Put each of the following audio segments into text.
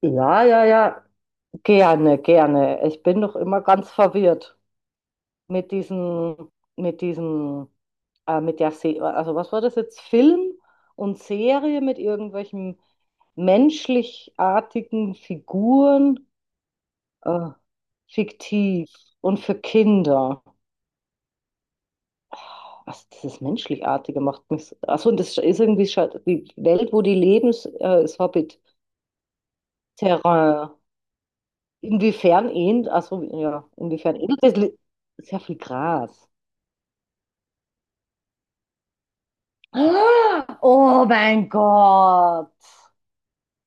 Ja, ja, ja, gerne, gerne. Ich bin doch immer ganz verwirrt mit mit der Se also was war das jetzt? Film und Serie mit irgendwelchen menschlichartigen Figuren, äh, fiktiv und für Kinder. Was dieses Menschlichartige macht mich. Achso, und das ist irgendwie die Welt, wo die leben, ist Hobbit-Terrain. Inwiefern ähnelt, also ja, inwiefern ähnelt das sehr viel Gras. Ah, oh mein Gott.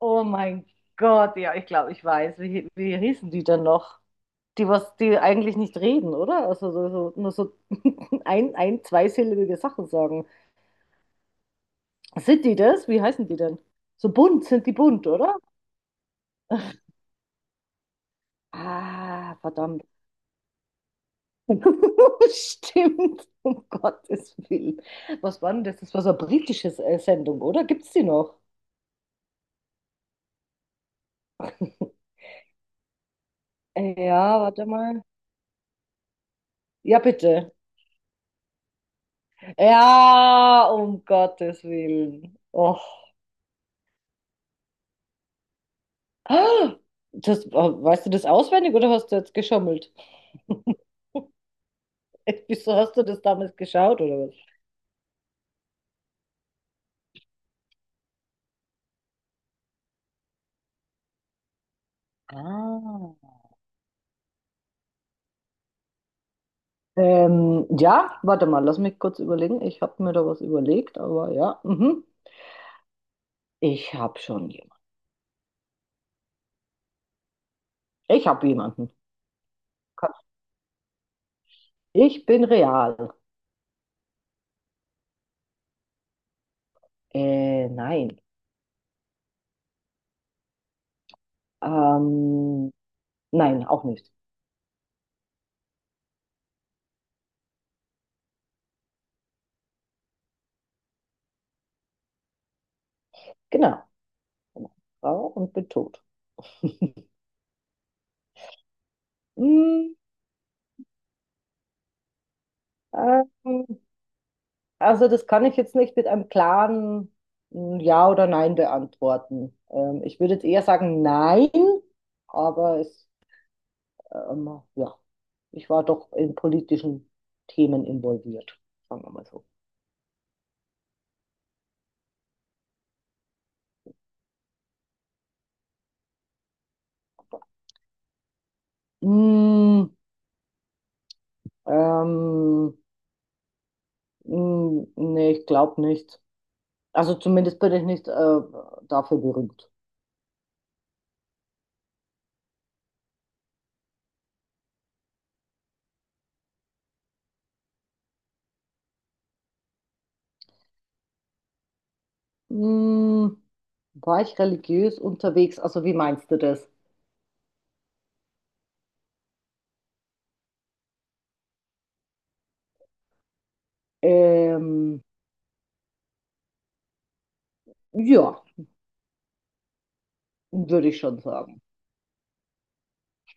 Oh mein Gott. Ja, ich glaube, ich weiß. Wie hießen die denn noch? Die, was, die eigentlich nicht reden, oder? Also nur so zweisilbige Sachen sagen. Sind die das? Wie heißen die denn? So bunt, sind die bunt, oder? Ah, verdammt. Stimmt, um Gottes Willen. Was war denn das? Das war so eine britische Sendung, oder? Gibt's die noch? Ja, warte mal. Ja, bitte. Ja, um Gottes Willen. Och. Ah, das, oh, weißt du das auswendig oder hast du jetzt geschummelt? Wieso hast du das damals geschaut oder was? Ah. Ja, warte mal, lass mich kurz überlegen. Ich habe mir da was überlegt, aber ja, mhm. Ich habe schon jemanden. Ich habe jemanden. Ich bin real. Nein. Ähm, nein, auch nicht. Genau. Genau. Frau und bin tot. Hm, ähm, also das kann ich jetzt nicht mit einem klaren Ja oder Nein beantworten. Ich würde jetzt eher sagen Nein, aber es, ja, ich war doch in politischen Themen involviert, sagen wir mal so. Hm, ähm, Nee, ich glaube nicht. Also zumindest bin ich nicht dafür berühmt. Hm, war ich religiös unterwegs? Also wie meinst du das? Ähm, ja, würde ich schon sagen.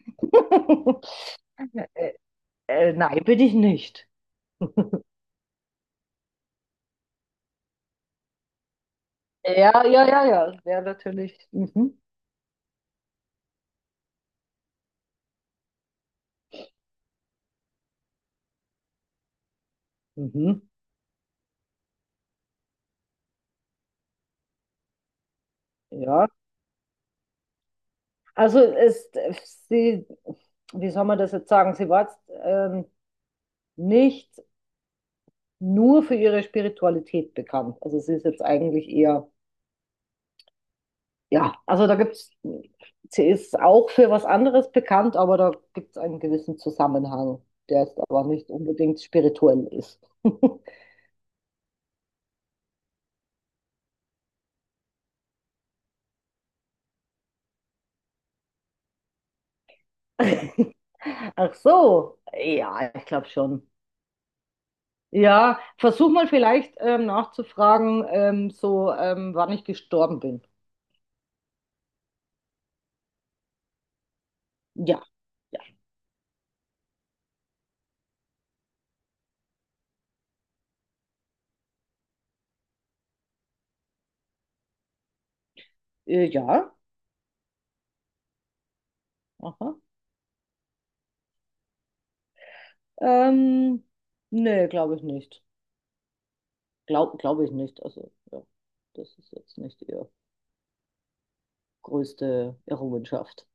äh, nein, bin ich nicht. Ja, ja, ja, ja. Ja, natürlich. Mhm. Mhm. Ja. Also es, sie, Wie soll man das jetzt sagen? Sie war jetzt ähm, nicht nur für ihre Spiritualität bekannt. Also sie ist jetzt eigentlich eher Ja, also da sie ist auch für was anderes bekannt, aber da gibt es einen gewissen Zusammenhang, der jetzt aber nicht unbedingt spirituell ist. Ach so, ja, ich glaube schon. Ja, versuch mal vielleicht nachzufragen, so wann ich gestorben bin. Ja, ja, ja, aha. Ähm, Nee, glaube ich nicht. Glaube ich nicht. Also, ja, das ist jetzt nicht ihre größte Errungenschaft.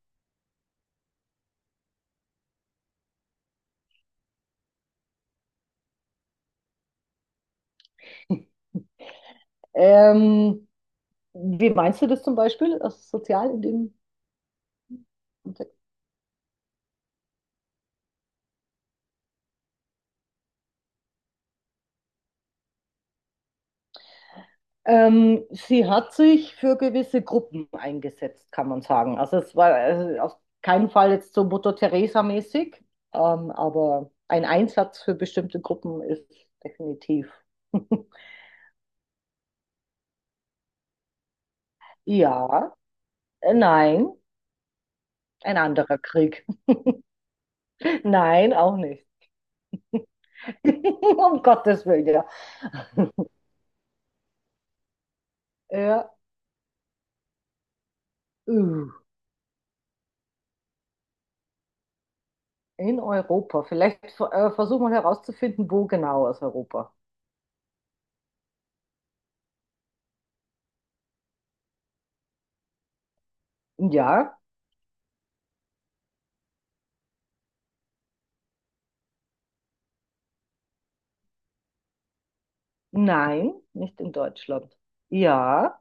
Ähm, wie meinst du das zum Beispiel, also sozial in dem Kontext? Sie hat sich für gewisse Gruppen eingesetzt, kann man sagen. Also es war auf keinen Fall jetzt so Mutter Teresa-mäßig, aber ein Einsatz für bestimmte Gruppen ist definitiv. Ja, nein, ein anderer Krieg. Nein, auch nicht. Um Gottes Willen, ja. Ja, uh, in Europa. Vielleicht versuchen wir herauszufinden, wo genau aus Europa. Ja. Nein, nicht in Deutschland. Ja,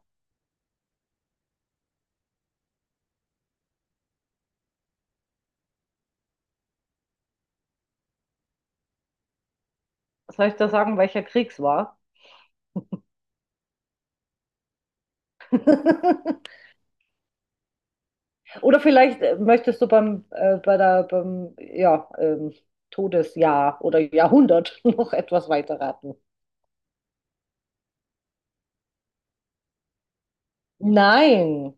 soll ich da sagen, welcher Krieg es war? Oder vielleicht möchtest du beim, ja, Todesjahr oder Jahrhundert noch etwas weiter raten. Nein,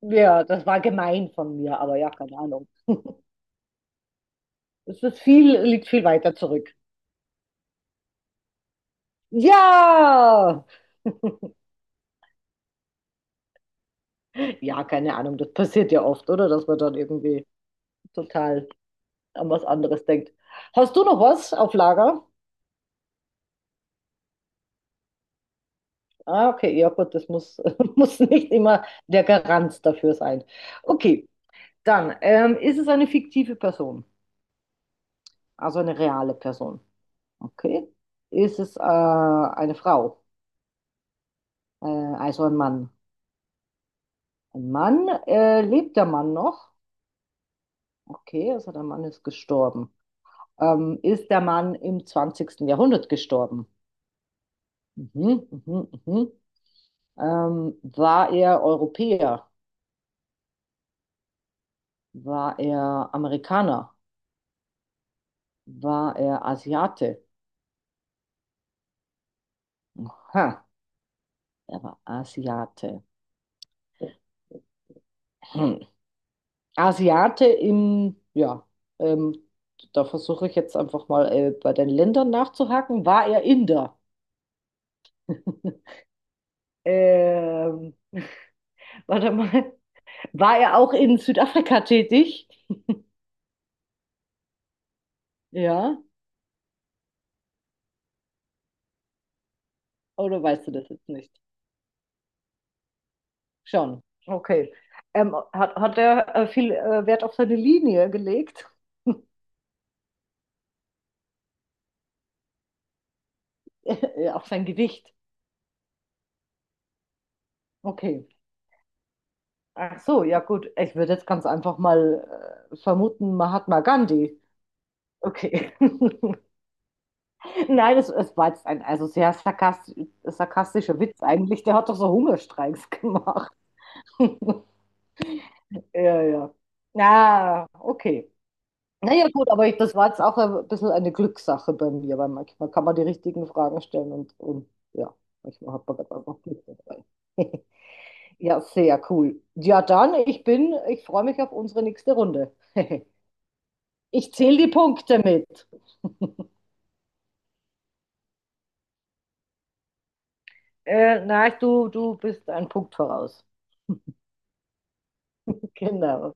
ja, das war gemein von mir, aber ja, keine Ahnung. Es ist viel, liegt viel weiter zurück. Ja! Ja, keine Ahnung, das passiert ja oft, oder? Dass man dann irgendwie total an was anderes denkt. Hast du noch was auf Lager? Ah, okay, ja gut, das muss, muss nicht immer der Garant dafür sein. Okay, dann ist es eine fiktive Person, also eine reale Person. Okay, ist es eine Frau, also ein Mann. Ein Mann, lebt der Mann noch? Okay, also der Mann ist gestorben. Ist der Mann im zwanzigsten Jahrhundert gestorben? Mhm, mhm, mhm. War er Europäer? War er Amerikaner? War er Asiate? Aha, er war Asiate. Hm. Asiate im, ja, ähm, Da versuche ich jetzt einfach mal bei den Ländern nachzuhaken. War er Inder? Ähm, Warte mal. War er auch in Südafrika tätig? Ja, oder weißt du das jetzt nicht? Schon. Okay. Hat er viel Wert auf seine Linie gelegt? Auf sein Gewicht. Okay. Ach so, ja gut. Ich würde jetzt ganz einfach mal vermuten, Mahatma Gandhi. Okay. Nein, es war jetzt ein also sehr sarkastisch, sarkastischer Witz eigentlich. Der hat doch so Hungerstreiks gemacht. Ja, ja. Na, okay. Naja, gut, aber ich, das war jetzt auch ein bisschen eine Glückssache bei mir, weil manchmal kann man die richtigen Fragen stellen und ja, manchmal hat man ganz einfach Glück dabei. Ja, sehr cool. Ja, ich ich freue mich auf unsere nächste Runde. Ich zähle die Punkte mit. Nein, du bist einen Punkt voraus. Genau.